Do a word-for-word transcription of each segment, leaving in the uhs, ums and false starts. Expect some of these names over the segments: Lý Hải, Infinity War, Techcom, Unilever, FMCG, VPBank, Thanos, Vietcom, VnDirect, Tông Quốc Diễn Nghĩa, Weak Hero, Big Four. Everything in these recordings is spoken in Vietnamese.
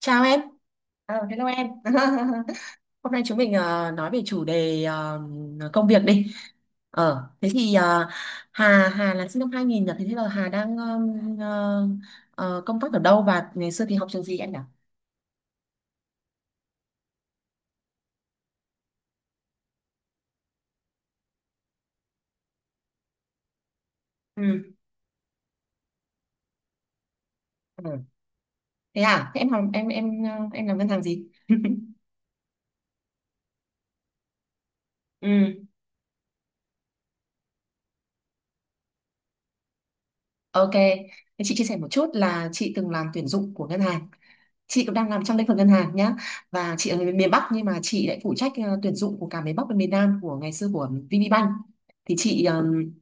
Chào em, Ờ, hello em. Hôm nay chúng mình ờ, nói về chủ đề ờ, công việc đi. Ờ, thế thì ờ, Hà Hà là sinh năm hai nghìn nhỉ? Thế bây giờ Hà đang ờm, ờ, ờ, công tác ở đâu và ngày xưa thì học trường gì em nhỉ? Ừ. Ừ. Thế à? Thế em học em em ờ, em làm ngân hàng gì? Ừ. Ok, thế chị chia sẻ một chút là chị từng làm tuyển dụng của ngân hàng. Chị cũng đang làm trong lĩnh vực ngân hàng nhá. Và chị ở người miền Bắc, nhưng mà chị lại phụ trách ờ, tuyển dụng của cả miền Bắc và miền Nam của ngày xưa của VPBank. Thì chị ừm,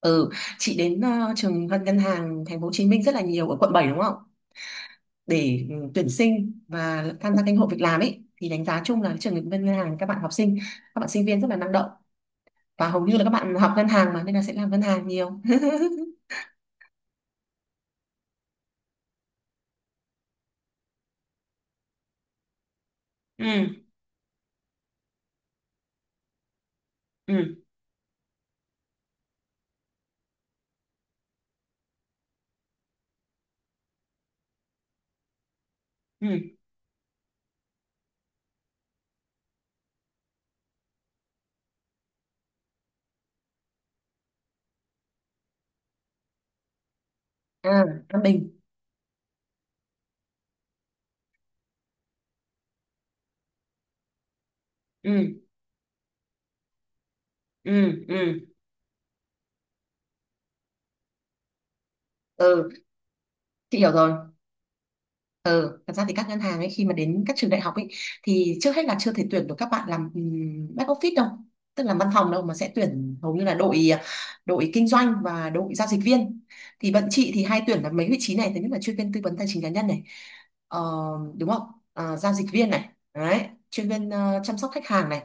ừ, chị đến ờ, trường ngân ngân hàng thành phố Hồ Chí Minh rất là nhiều ở quận bảy đúng không? Để ừ, tuyển sinh và tham gia kênh hội việc làm ấy thì đánh giá chung là trường ngân ngân hàng các bạn học sinh, các bạn sinh viên rất là năng động, và hầu như là các bạn học ngân hàng mà nên là sẽ làm ngân hàng nhiều. Ừ, ừ, ừ. Ừ, An Bình. Ừ, ừ, ừ, ừ, chị hiểu rồi. Ừ, thật ra thì các ngân hàng ấy khi mà đến các trường đại học ấy thì trước hết là chưa thể tuyển được các bạn làm ừm, back office đâu, tức là văn phòng đâu, mà sẽ tuyển hầu như là đội à, đội kinh doanh và đội giao dịch viên. Thì bọn chị thì hay tuyển là mấy vị trí này, thứ nhất là chuyên viên tư vấn tài chính cá nhân này, ờ, đúng không? Ờ, giao dịch viên này, đấy, chuyên viên ờ, chăm sóc khách hàng này,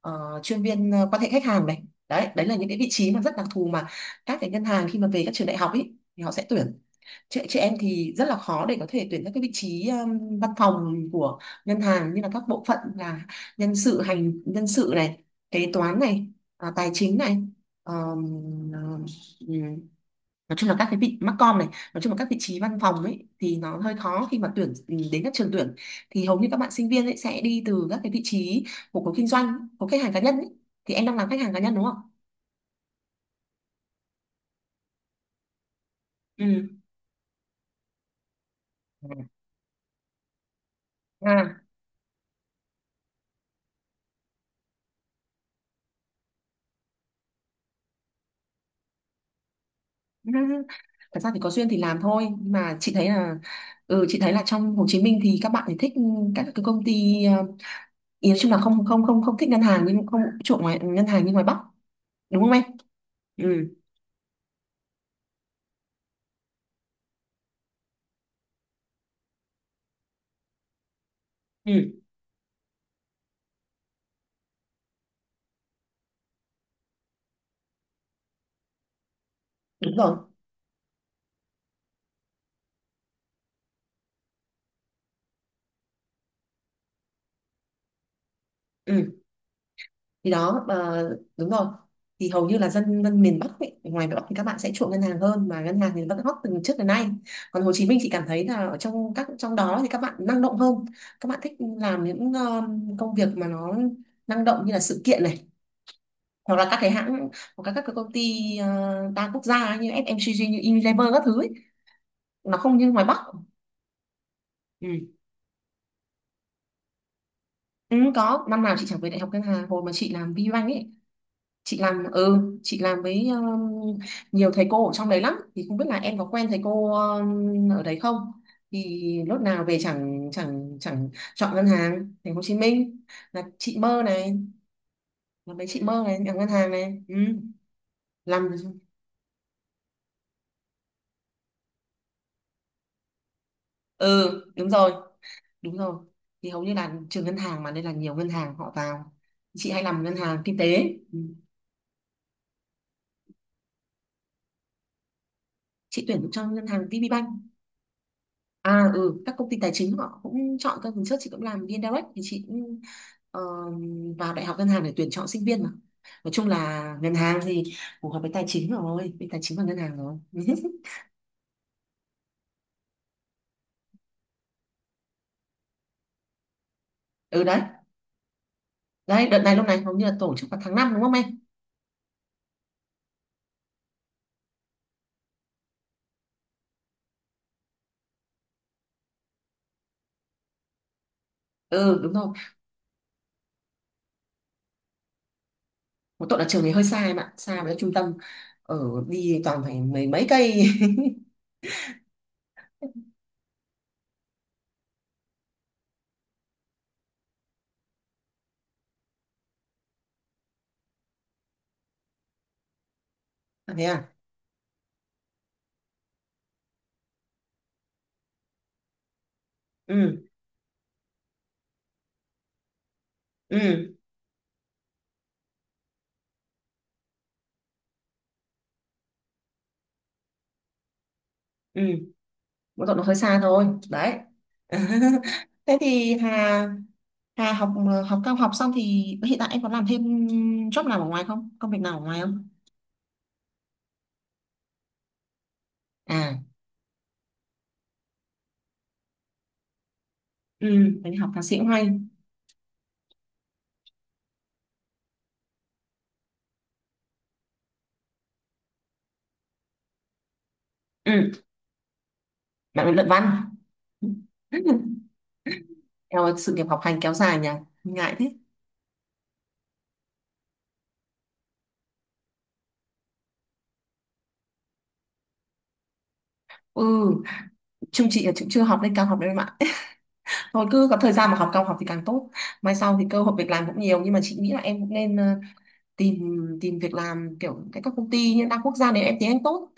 ờ, chuyên viên ờ, quan hệ khách hàng này, đấy, đấy là những cái vị trí mà rất đặc thù mà các cái ngân hàng khi mà về các trường đại học ấy thì họ sẽ tuyển. Chị, chị em thì rất là khó để có thể tuyển các cái vị trí um, văn phòng của ngân hàng, như là các bộ phận là nhân sự hành nhân sự này, kế toán này, à, tài chính này, um, um, nói chung là các cái vị MarCom này, nói chung là các vị trí văn phòng ấy thì nó hơi khó khi mà tuyển ừ, đến các trường tuyển, thì hầu như các bạn sinh viên ấy sẽ đi từ các cái vị trí của khối kinh doanh, của khách hàng cá nhân ấy. Thì em đang làm khách hàng cá nhân đúng không? Ừ. À. Thật ra thì có duyên thì làm thôi, nhưng mà chị thấy là ừ, chị thấy là trong Hồ Chí Minh thì các bạn thì thích các cái công ty ờ, ý nói chung là không không không không thích ngân hàng, nhưng không chuộng ngoài ngân hàng như ngoài Bắc, đúng không em? Ừ. Ừ, đúng rồi. Ừ, thì đó. Ờ, đúng rồi. Thì hầu như là dân dân miền Bắc ấy, ngoài Bắc thì các bạn sẽ chuộng ngân hàng hơn, mà ngân hàng thì vẫn hot từ trước đến nay. Còn Hồ Chí Minh, chị cảm thấy là ở trong các trong đó thì các bạn năng động hơn, các bạn thích làm những ờ, công việc mà nó năng động như là sự kiện này, hoặc là các cái hãng, hoặc là các cái công ty ờ, đa quốc gia ấy, như ép em xê giê, như Unilever các thứ ấy. Nó không như ngoài Bắc. Ừ. ừ, có năm nào chị chẳng về đại học ngân hàng hồi mà chị làm VBank ấy, chị làm ừ chị làm với ờ, nhiều thầy cô ở trong đấy lắm, thì không biết là em có quen thầy cô ờ, ở đấy không. Thì lúc nào về chẳng chẳng chẳng chọn ngân hàng thành phố Hồ Chí Minh là chị mơ này, là mấy chị mơ này làm ngân hàng này. Ừ, làm. Ừ, đúng rồi. Đúng rồi. Thì hầu như là trường ngân hàng mà nên là nhiều ngân hàng họ vào, chị hay làm ngân hàng kinh tế. Ừ. Chị tuyển cho ngân hàng VPBank. À. Ừ, các công ty tài chính họ cũng chọn các trước chị cũng làm VnDirect, thì chị cũng ờ, vào đại học ngân hàng để tuyển chọn sinh viên mà, nói chung là ngân hàng thì phù hợp với tài chính rồi, với tài chính và ngân hàng rồi. Ừ, đấy. Đấy, đợt này lúc này hầu như là tổ chức vào tháng năm đúng không em? Ừ, đúng rồi. Một tội là trường này hơi xa em ạ, xa với trung tâm ở, đi toàn phải mấy mấy cây. À, thế à. Ừ, ừ, ừ, mỗi tội nó hơi xa thôi đấy. Thế thì Hà Hà học học cao học xong thì hiện tại em có làm thêm job nào ở ngoài không, công việc nào ở ngoài không? À. Ừ, em đi học thạc sĩ cũng hay. Ừ, bạn bị luận văn. Em ơi, sự nghiệp học hành kéo dài nhỉ, ngại thế. Ừ, chung chị là cũng chưa học lên cao học đâu em ạ. Thôi cứ có thời gian mà học cao học thì càng tốt, mai sau thì cơ hội việc làm cũng nhiều, nhưng mà chị nghĩ là em cũng nên tìm tìm việc làm kiểu tại các công ty như đa quốc gia nếu em tiếng Anh tốt,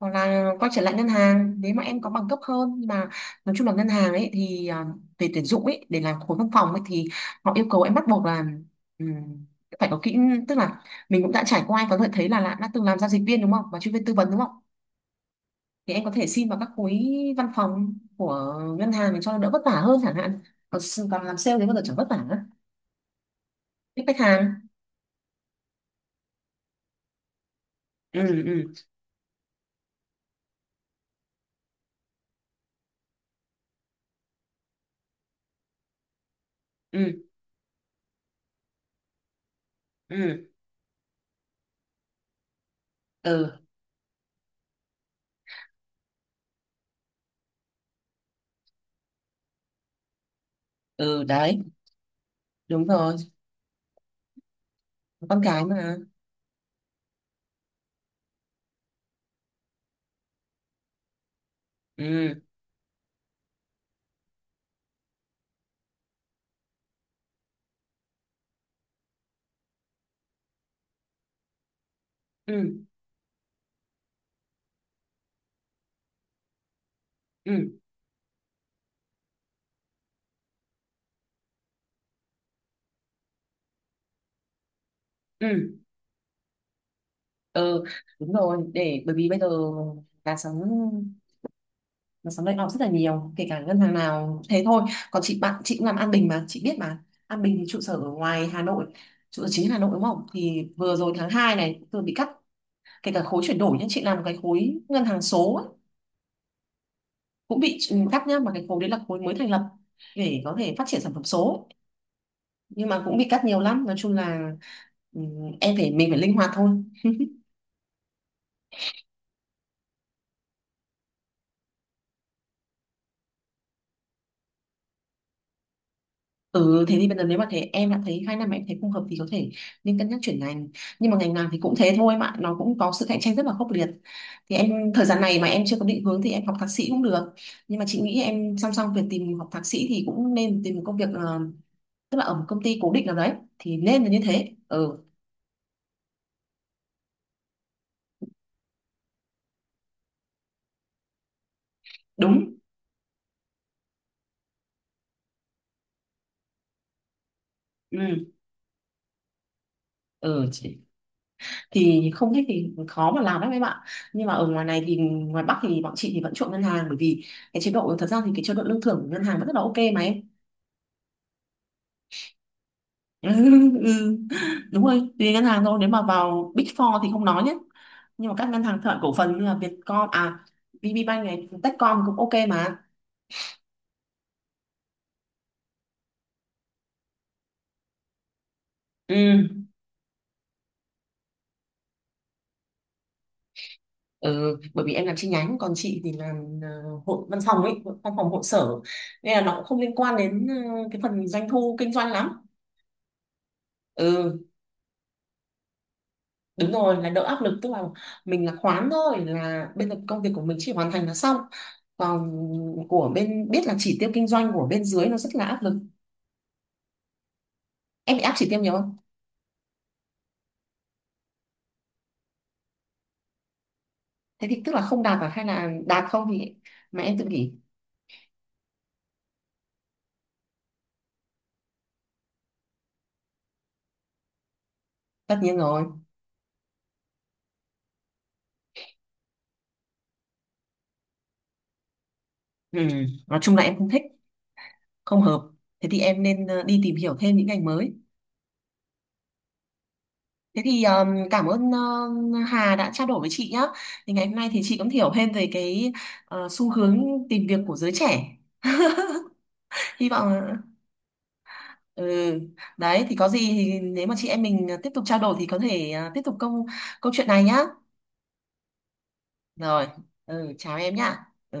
hoặc là quay trở lại ngân hàng nếu mà em có bằng cấp hơn. Nhưng mà nói chung là ngân hàng ấy thì à, về tuyển dụng ấy để làm khối văn phòng ấy thì họ yêu cầu em bắt buộc là ừm, phải có kỹ, tức là mình cũng đã trải qua, em có thể thấy là đã, đã từng làm giao dịch viên đúng không, và chuyên viên tư vấn đúng không. Thì em có thể xin vào các khối văn phòng của ngân hàng để cho đỡ vất vả hơn chẳng hạn. Còn, s- còn làm sale thì bao giờ chẳng vất vả nữa, biết khách hàng. Ừ, ừ, ừ, ừ, ừ, ừ, đấy, đúng rồi. Con cái mà. Ừ, ừ, ừ, ừ, ừ, đúng rồi. Để bởi vì bây giờ là sống sóng sống sóng layoff rất là nhiều, kể cả ngân hàng nào thế thôi. Còn chị bạn chị cũng làm An Bình mà chị biết, mà An Bình thì trụ sở ở ngoài Hà Nội, trụ sở chính Hà Nội đúng không, thì vừa rồi tháng hai này vừa bị cắt, kể cả khối chuyển đổi nhá, chị làm cái khối ngân hàng số ấy, cũng bị ừ, cắt nhá, mà cái khối đấy là khối mới thành lập để có thể phát triển sản phẩm số ấy. Nhưng mà cũng bị cắt nhiều lắm, nói chung là ừ, em phải mình phải linh hoạt thôi. Ừ, thế thì bây giờ nếu mà thế em đã thấy hai năm mà em thấy không hợp thì có thể nên cân nhắc chuyển ngành, nhưng mà ngành nào thì cũng thế thôi, mà nó cũng có sự cạnh tranh rất là khốc liệt. Thì em thời gian này mà em chưa có định hướng thì em học thạc sĩ cũng được, nhưng mà chị nghĩ em song song việc tìm học thạc sĩ thì cũng nên tìm một công việc, ờ, tức là ở một công ty cố định nào đấy, thì nên là như thế. Ừ. Đúng. Ừ, ừ. Chị thì không thích thì khó mà làm lắm em ạ, nhưng mà ở ngoài này thì ngoài Bắc thì bọn chị thì vẫn chuộng ngân hàng, bởi vì cái chế độ, thật ra thì cái chế độ lương thưởng của ngân hàng vẫn rất là ok mà em. Ừ, ừ. Đúng rồi, tùy ngân hàng thôi, nếu mà vào Big Four thì không nói nhé, nhưng mà các ngân hàng thương mại cổ phần như là Vietcom, à VPBank này, Techcom cũng ok mà. Ừ. Ừ, bởi vì em làm chi nhánh, còn chị thì làm ờ, hội văn phòng ấy, hội- văn phòng hội sở, nên là nó cũng không liên quan đến ờ, cái phần doanh thu kinh doanh lắm. Ừ. đúng rồi, là đỡ áp lực, tức là mình là khoán thôi, là bên công việc của mình chỉ hoàn thành là xong, còn của bên biết là chỉ tiêu kinh doanh của bên dưới nó rất là áp lực. Em bị áp chỉ tiêu nhiều không? Thế thì tức là không đạt à, hay là đạt không thì mà em tự nghỉ? Tất nhiên rồi. Ừ. Nói chung là em không thích, không hợp, thế thì em nên ờ, đi tìm hiểu thêm những ngành mới. Thế thì ờ, cảm ơn ờ, Hà đã trao đổi với chị nhá, thì ngày hôm nay thì chị cũng hiểu thêm về cái ờ, xu hướng tìm việc của giới trẻ, hy vọng. Ừ. Đấy thì có gì thì nếu mà chị em mình à, tiếp tục trao đổi thì có thể à, tiếp tục câu câu chuyện này nhá. Rồi, ừ, chào em nhá. Ừ.